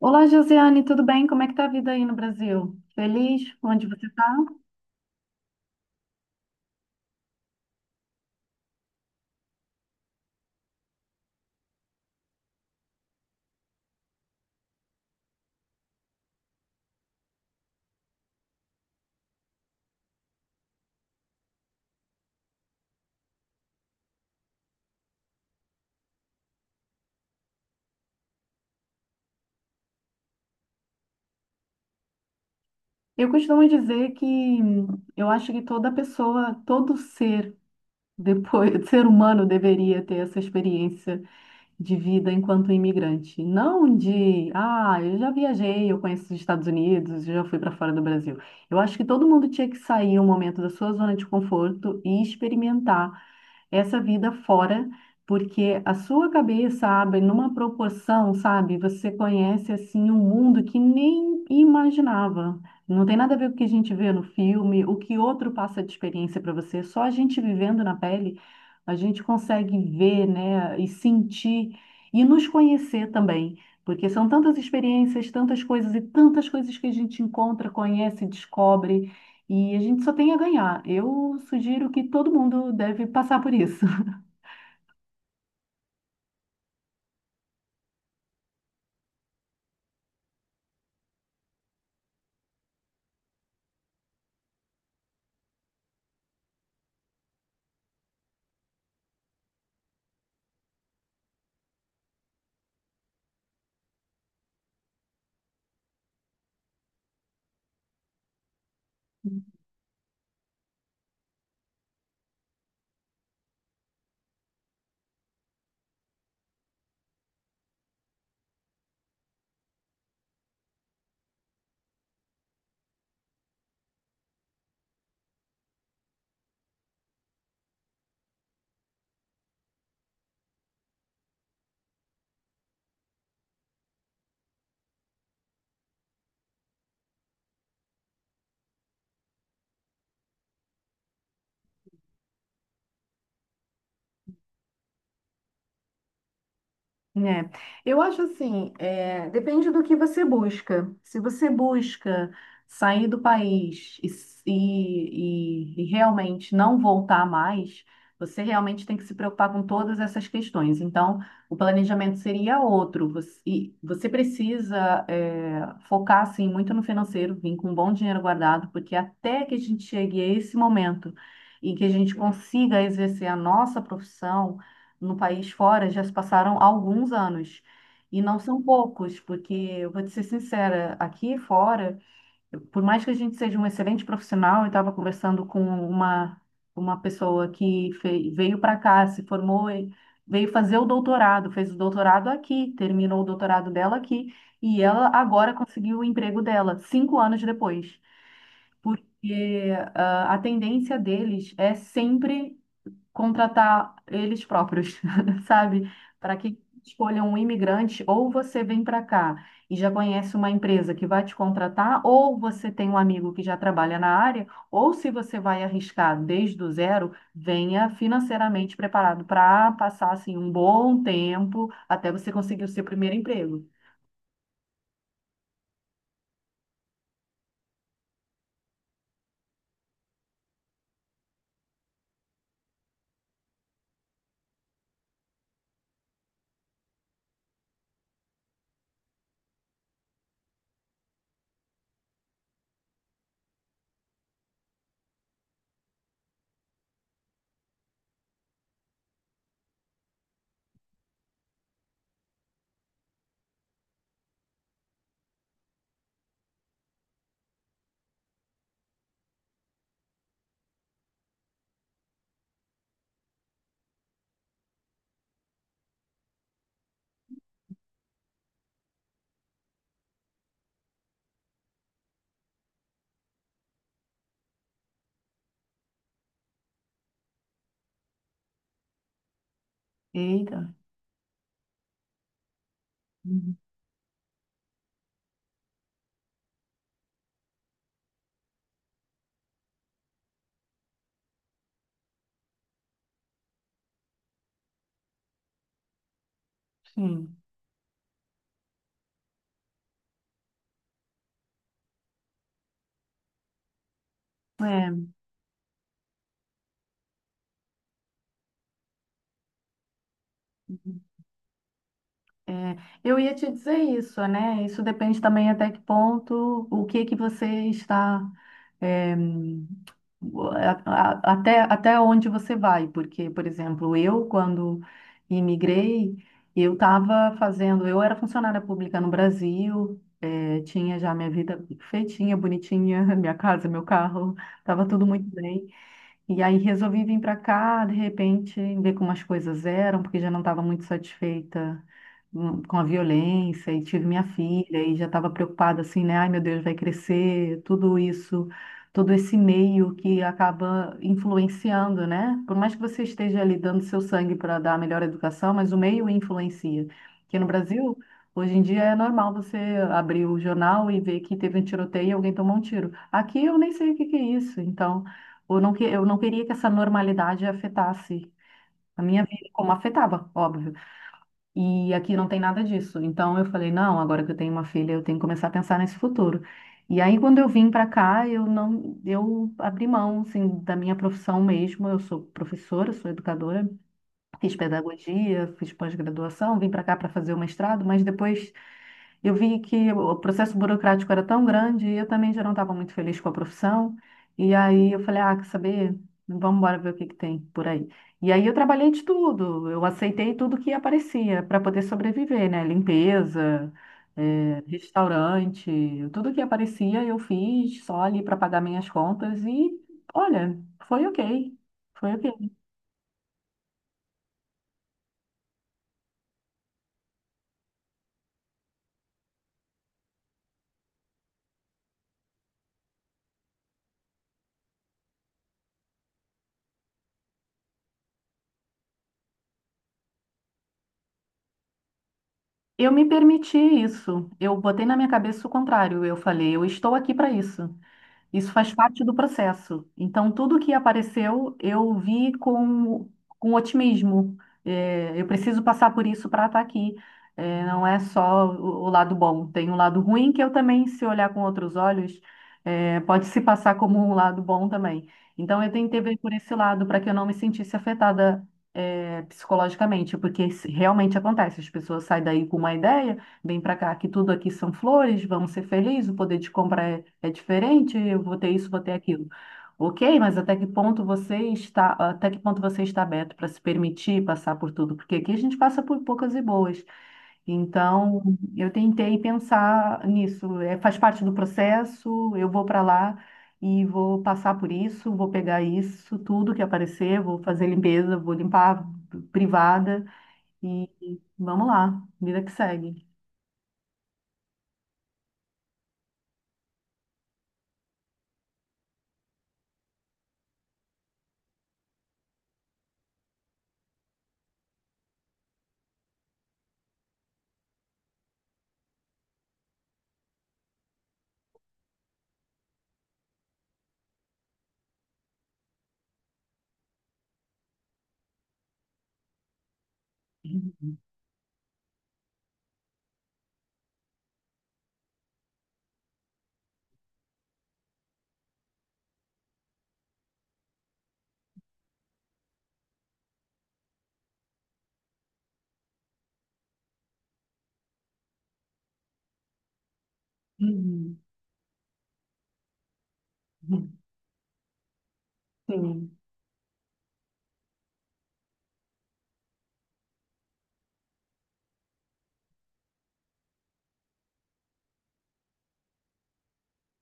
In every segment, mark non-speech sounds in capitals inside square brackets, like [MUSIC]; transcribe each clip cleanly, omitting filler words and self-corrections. Olá, Josiane, tudo bem? Como é que tá a vida aí no Brasil? Feliz? Onde você está? Eu costumo dizer que eu acho que toda pessoa, todo ser, depois, [LAUGHS] ser humano deveria ter essa experiência de vida enquanto imigrante. Não de, ah, eu já viajei, eu conheço os Estados Unidos, eu já fui para fora do Brasil. Eu acho que todo mundo tinha que sair um momento da sua zona de conforto e experimentar essa vida fora, porque a sua cabeça abre numa proporção, sabe? Você conhece assim um mundo que nem imaginava. Não tem nada a ver com o que a gente vê no filme, o que outro passa de experiência para você, só a gente vivendo na pele a gente consegue ver, né, e sentir e nos conhecer também, porque são tantas experiências, tantas coisas e tantas coisas que a gente encontra, conhece, descobre, e a gente só tem a ganhar. Eu sugiro que todo mundo deve passar por isso. É, eu acho assim, é, depende do que você busca. Se você busca sair do país e realmente não voltar mais, você realmente tem que se preocupar com todas essas questões. Então, o planejamento seria outro. Você, e você precisa, é, focar assim, muito no financeiro, vir com um bom dinheiro guardado, porque até que a gente chegue a esse momento em que a gente consiga exercer a nossa profissão no país fora já se passaram alguns anos. E não são poucos, porque eu vou te ser sincera, aqui fora, por mais que a gente seja um excelente profissional, eu estava conversando com uma pessoa que veio para cá, se formou, e veio fazer o doutorado, fez o doutorado aqui, terminou o doutorado dela aqui, e ela agora conseguiu o emprego dela, 5 anos depois porque ah, a tendência deles é sempre contratar eles próprios, [LAUGHS] sabe? Para que escolham um imigrante, ou você vem para cá e já conhece uma empresa que vai te contratar, ou você tem um amigo que já trabalha na área, ou se você vai arriscar desde o zero, venha financeiramente preparado para passar assim um bom tempo até você conseguir o seu primeiro emprego. Eita. Uhum. Sim. É. É, eu ia te dizer isso, né? Isso depende também até que ponto, o que que você está, é, até onde você vai, porque, por exemplo, eu, quando imigrei, eu estava fazendo, eu era funcionária pública no Brasil, é, tinha já minha vida feitinha, bonitinha, [LAUGHS] minha casa, meu carro, estava tudo muito bem. E aí resolvi vir para cá, de repente, ver como as coisas eram, porque já não estava muito satisfeita com a violência, e tive minha filha, e já estava preocupada assim, né? Ai, meu Deus, vai crescer, tudo isso, todo esse meio que acaba influenciando, né? Por mais que você esteja ali dando seu sangue para dar a melhor educação, mas o meio influencia. Aqui no Brasil, hoje em dia é normal você abrir o jornal e ver que teve um tiroteio e alguém tomou um tiro. Aqui eu nem sei o que que é isso, então. Eu não, eu não queria que essa normalidade afetasse a minha vida, como afetava, óbvio. E aqui não tem nada disso. Então eu falei, não, agora que eu tenho uma filha, eu tenho que começar a pensar nesse futuro. E aí quando eu vim para cá, eu não, eu abri mão, assim, da minha profissão mesmo. Eu sou professora, sou educadora. Fiz pedagogia, fiz pós-graduação, vim para cá para fazer o mestrado, mas depois eu vi que o processo burocrático era tão grande e eu também já não estava muito feliz com a profissão. E aí eu falei, ah, quer saber? Vamos embora ver o que que tem por aí. E aí eu trabalhei de tudo, eu aceitei tudo que aparecia para poder sobreviver, né? Limpeza, restaurante, tudo que aparecia eu fiz só ali para pagar minhas contas e, olha, foi ok, foi ok. Eu me permiti isso. Eu botei na minha cabeça o contrário. Eu falei, eu estou aqui para isso. Isso faz parte do processo. Então, tudo que apareceu, eu vi com otimismo. É, eu preciso passar por isso para estar aqui. É, não é só o lado bom, tem um lado ruim que eu também, se olhar com outros olhos, é, pode se passar como um lado bom também. Então, eu tentei ver por esse lado para que eu não me sentisse afetada, é, psicologicamente, porque isso realmente acontece. As pessoas saem daí com uma ideia. Vem para cá, que tudo aqui são flores, vamos ser felizes, o poder de compra é diferente, eu vou ter isso, vou ter aquilo. Ok, mas até que ponto você está, até que ponto você está aberto para se permitir passar por tudo? Porque aqui a gente passa por poucas e boas. Então, eu tentei pensar nisso. É, faz parte do processo, eu vou para lá e vou passar por isso, vou pegar isso, tudo que aparecer, vou fazer limpeza, vou limpar privada e vamos lá, vida que segue. Uhum, uhum. Sim.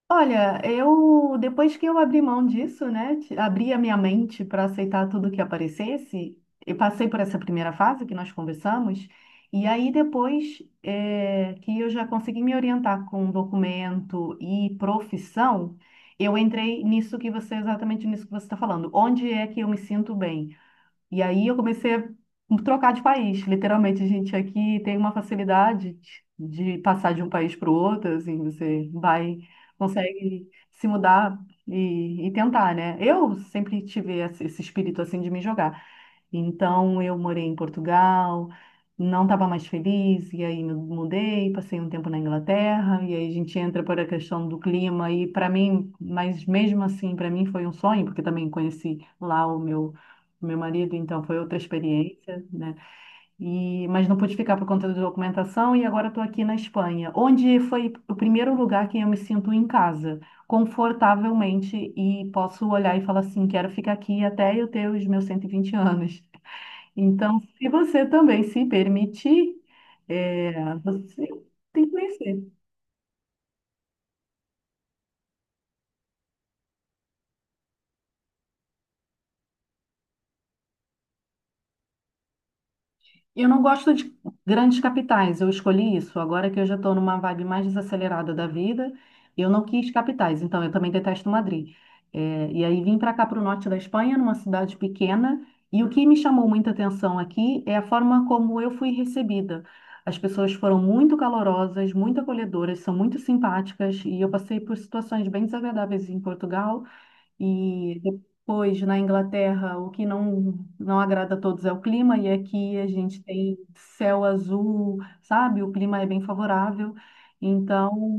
Olha, eu depois que eu abri mão disso, né, abri a minha mente para aceitar tudo que aparecesse, eu passei por essa primeira fase que nós conversamos, e aí depois que eu já consegui me orientar com documento e profissão, eu entrei nisso que você, exatamente nisso que você está falando. Onde é que eu me sinto bem? E aí eu comecei a trocar de país. Literalmente, a gente aqui tem uma facilidade de passar de um país para o outro, assim, você vai, consegue se mudar e tentar, né? Eu sempre tive esse espírito, assim, de me jogar. Então eu morei em Portugal, não estava mais feliz, e aí me mudei, passei um tempo na Inglaterra, e aí a gente entra para a questão do clima, e para mim, mas mesmo assim, para mim foi um sonho, porque também conheci lá o meu. O meu marido, então, foi outra experiência, né? E, mas não pude ficar por conta da documentação e agora estou aqui na Espanha, onde foi o primeiro lugar que eu me sinto em casa, confortavelmente, e posso olhar e falar assim, quero ficar aqui até eu ter os meus 120 anos. Então, se você também se permitir, é, você tem que conhecer. Eu não gosto de grandes capitais, eu escolhi isso. Agora que eu já estou numa vibe mais desacelerada da vida, eu não quis capitais, então eu também detesto Madrid. É, e aí vim para cá, para o norte da Espanha, numa cidade pequena, e o que me chamou muita atenção aqui é a forma como eu fui recebida. As pessoas foram muito calorosas, muito acolhedoras, são muito simpáticas, e eu passei por situações bem desagradáveis em Portugal. E depois, na Inglaterra, o que não, não agrada a todos é o clima, e aqui a gente tem céu azul, sabe? O clima é bem favorável. Então,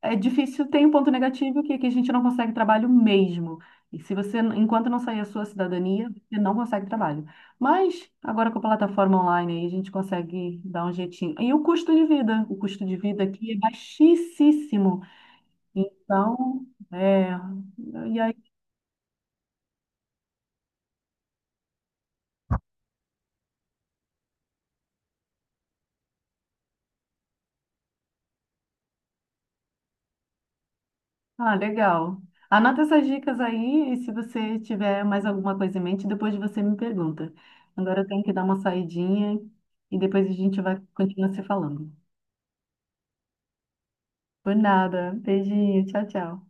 é difícil, tem um ponto negativo que aqui a gente não consegue trabalho mesmo. E se você, enquanto não sair a sua cidadania, você não consegue trabalho. Mas agora com a plataforma online aí, a gente consegue dar um jeitinho. E o custo de vida, o custo de vida aqui é baixíssimo. Então, é, e aí Ah, legal. Anota essas dicas aí e se você tiver mais alguma coisa em mente, depois você me pergunta. Agora eu tenho que dar uma saidinha e depois a gente vai continuar se falando. Por nada. Beijinho. Tchau, tchau.